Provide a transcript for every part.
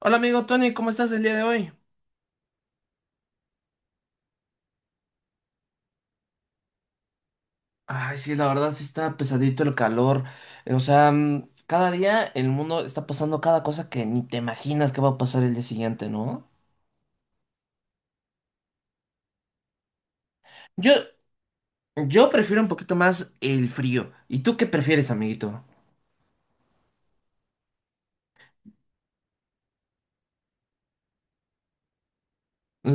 Hola amigo Tony, ¿cómo estás el día de hoy? Ay, sí, la verdad sí está pesadito el calor. O sea, cada día el mundo está pasando cada cosa que ni te imaginas que va a pasar el día siguiente, ¿no? Yo, yo prefiero un poquito más el frío. ¿Y tú qué prefieres, amiguito?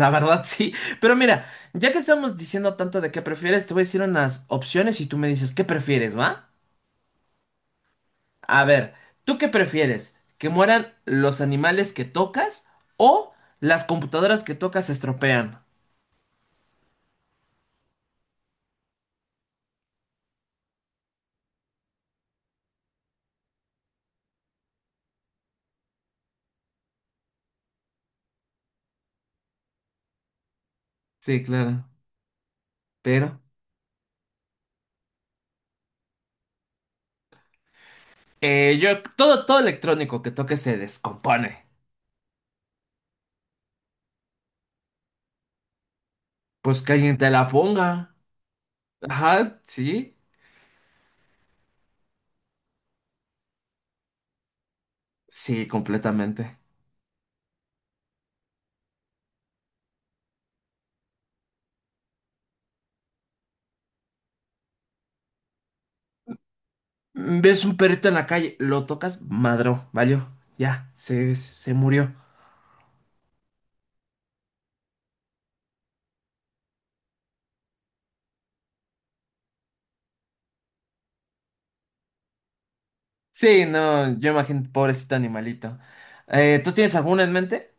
La verdad sí. Pero mira, ya que estamos diciendo tanto de qué prefieres, te voy a decir unas opciones y tú me dices qué prefieres, ¿va? A ver, ¿tú qué prefieres? ¿Que mueran los animales que tocas o las computadoras que tocas se estropean? Sí, claro. Pero yo todo electrónico que toque se descompone. Pues que alguien te la ponga. Ajá, sí. Sí, completamente. Mm, ves un perrito en la calle, lo tocas, madró, valió. Ya, se murió. Sí, no, yo imagino, pobrecito animalito. ¿Tú tienes alguna en mente?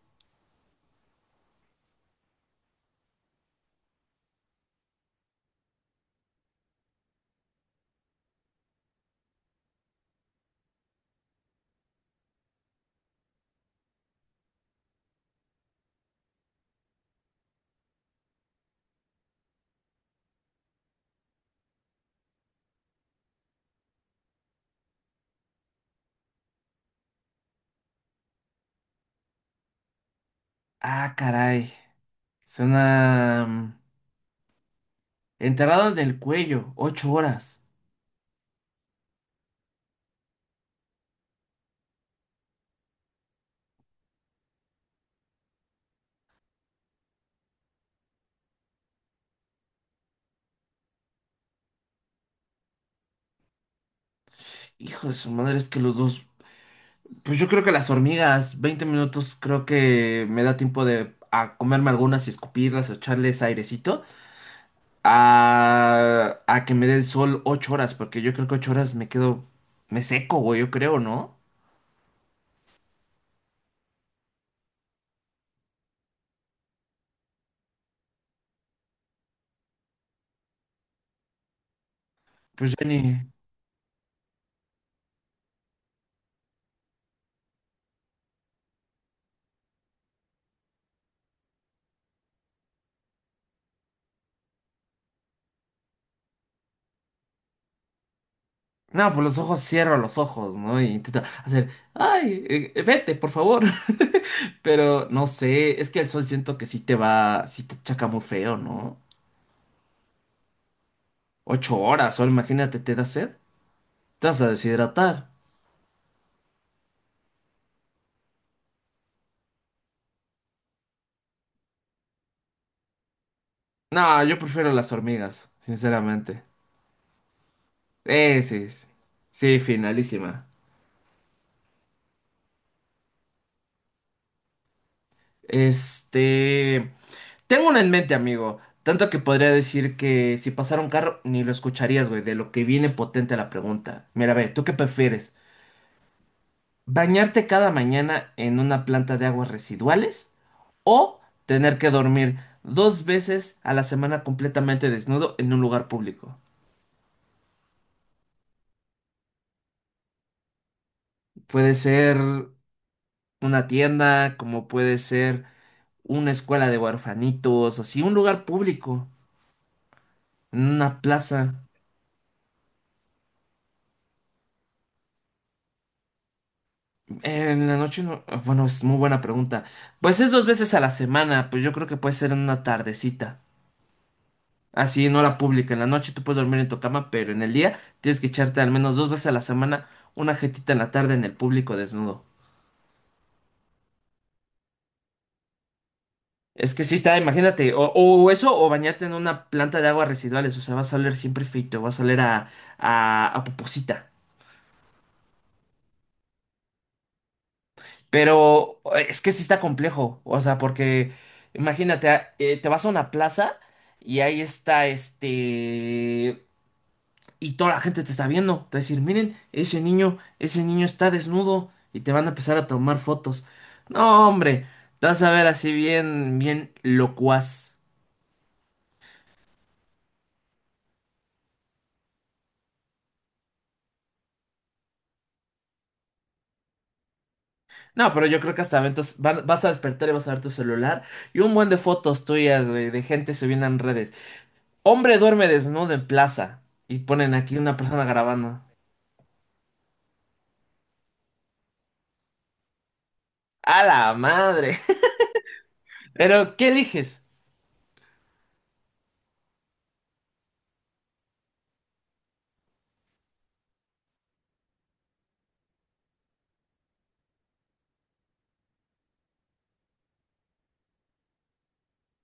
Ah, caray. Suena enterrado en el cuello, 8 horas. Hijo de su madre, es que los dos. Pues yo creo que las hormigas, 20 minutos, creo que me da tiempo de a comerme algunas y escupirlas o echarles airecito, a que me dé el sol 8 horas, porque yo creo que 8 horas me quedo, me seco, güey, yo creo, ¿no? Pues ya ni... No, pues los ojos, cierro los ojos, ¿no? Y intento hacer, ay, vete, por favor. Pero no sé, es que el sol siento que sí te va, sí te chaca muy feo, ¿no? 8 horas, o imagínate, te da sed, te vas a deshidratar. No, yo prefiero las hormigas, sinceramente. Sí, sí, sí, finalísima. Este, tengo una en mente, amigo. Tanto que podría decir que si pasara un carro, ni lo escucharías, güey, de lo que viene potente la pregunta. Mira, ve, ¿tú qué prefieres? ¿Bañarte cada mañana en una planta de aguas residuales? ¿O tener que dormir 2 veces a la semana completamente desnudo en un lugar público? Puede ser una tienda, como puede ser una escuela de huerfanitos, así, un lugar público, en una plaza. En la noche, bueno, es muy buena pregunta. Pues es 2 veces a la semana, pues yo creo que puede ser en una tardecita. Así, en hora pública. En la noche tú puedes dormir en tu cama, pero en el día tienes que echarte al menos 2 veces a la semana una jetita en la tarde en el público desnudo. Es que sí está, imagínate, o eso, o bañarte en una planta de aguas residuales, o sea, vas a oler siempre feito, vas a oler a poposita. Pero es que sí está complejo, o sea, porque imagínate, te vas a una plaza y ahí está. Y toda la gente te está viendo, te va a decir, miren, ese niño está desnudo y te van a empezar a tomar fotos. No, hombre, te vas a ver así bien, bien locuaz. No, pero yo creo que hasta eventos, vas a despertar y vas a ver tu celular y un buen de fotos tuyas, güey, de gente subiendo en redes. Hombre duerme desnudo en plaza y ponen aquí una persona grabando. A la madre. Pero, ¿qué eliges?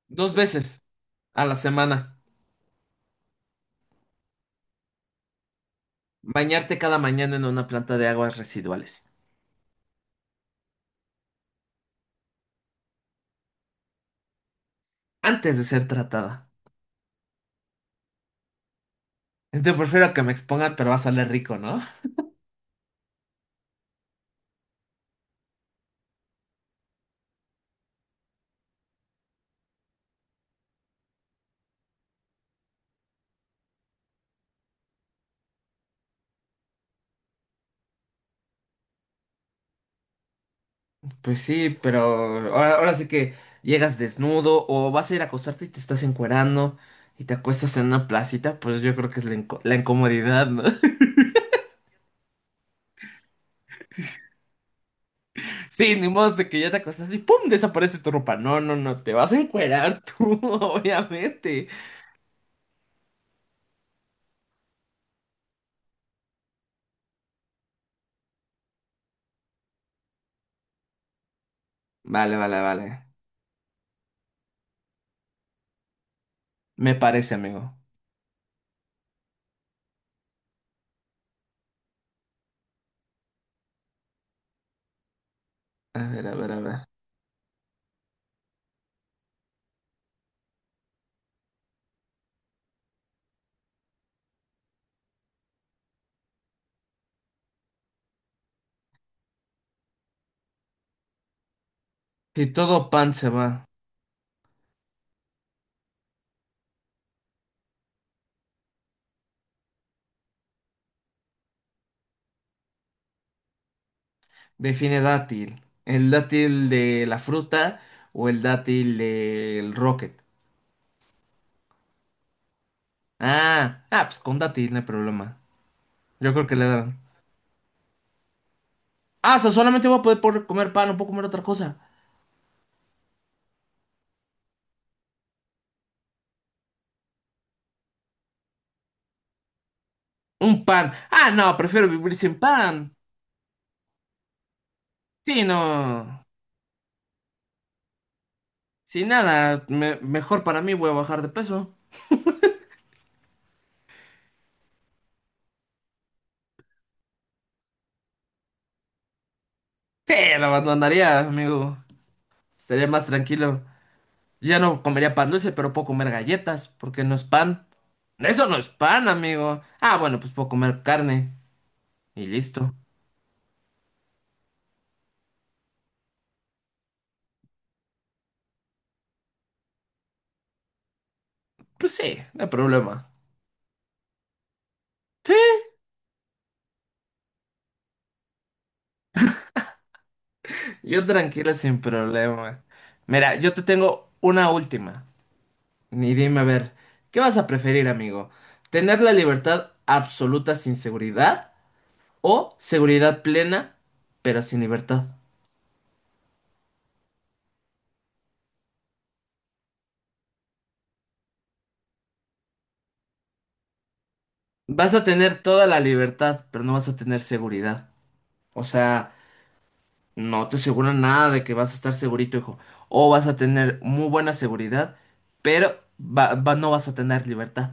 2 veces a la semana. Bañarte cada mañana en una planta de aguas residuales. Antes de ser tratada. Entonces prefiero que me expongan, pero va a salir rico, ¿no? Pues sí, pero ahora, ahora sí que llegas desnudo o vas a ir a acostarte y te estás encuerando y te acuestas en una placita, pues yo creo que es la, la incomodidad, ¿no? Sí, ni modo de que ya te acostaste y ¡pum! Desaparece tu ropa. No, no, no, te vas a encuerar tú, obviamente. Vale, vale, vale. Me parece, amigo. A ver, a ver, a ver. Si todo pan se va, define dátil. ¿El dátil de la fruta o el dátil del rocket? Ah, ah, pues con dátil no hay problema. Yo creo que le dan. Ah, o sea, solamente voy a poder comer pan, no puedo comer otra cosa. Un pan. Ah, no, prefiero vivir sin pan. Sí, no. Sin nada, mejor para mí voy a bajar de peso. Sí, lo abandonaría, amigo. Estaría más tranquilo. Ya no comería pan dulce, pero puedo comer galletas, porque no es pan. Eso no es pan, amigo. Ah, bueno, pues puedo comer carne y listo. Pues sí, no hay problema. Sí, yo tranquila sin problema. Mira, yo te tengo una última. Ni dime a ver, ¿qué vas a preferir, amigo? ¿Tener la libertad absoluta sin seguridad o seguridad plena pero sin libertad? Vas a tener toda la libertad, pero no vas a tener seguridad. O sea, no te aseguran nada de que vas a estar segurito, hijo. O vas a tener muy buena seguridad, pero no vas a tener libertad.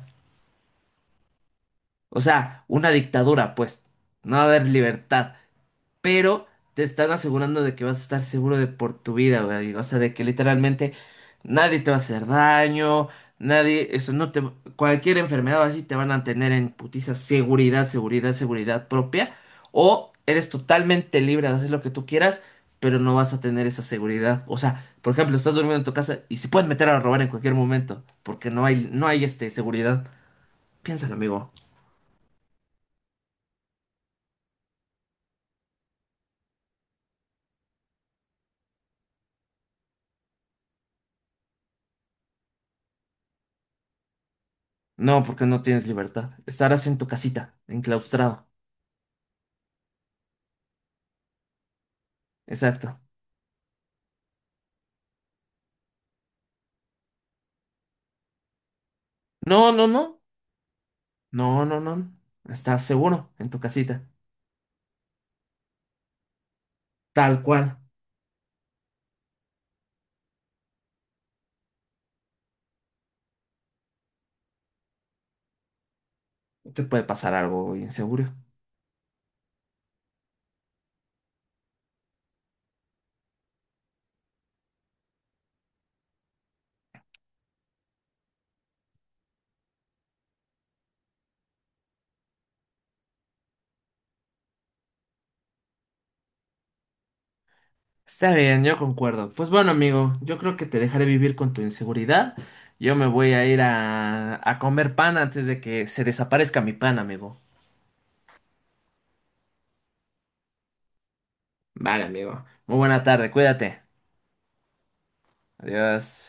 O sea, una dictadura, pues. No va a haber libertad pero te están asegurando de que vas a estar seguro de por tu vida, güey. O sea, de que literalmente nadie te va a hacer daño, nadie, eso no te, cualquier enfermedad o así te van a tener en putiza seguridad, seguridad, seguridad propia, o eres totalmente libre de hacer lo que tú quieras, pero no vas a tener esa seguridad. O sea, por ejemplo, estás durmiendo en tu casa y se pueden meter a robar en cualquier momento, porque no hay seguridad. Piénsalo, amigo. No, porque no tienes libertad. Estarás en tu casita, enclaustrado. Exacto. No, no, no. No, no, no. Estás seguro en tu casita. Tal cual. No te puede pasar algo inseguro. Está bien, yo concuerdo. Pues bueno, amigo, yo creo que te dejaré vivir con tu inseguridad. Yo me voy a ir a comer pan antes de que se desaparezca mi pan, amigo. Vale, amigo. Muy buena tarde, cuídate. Adiós.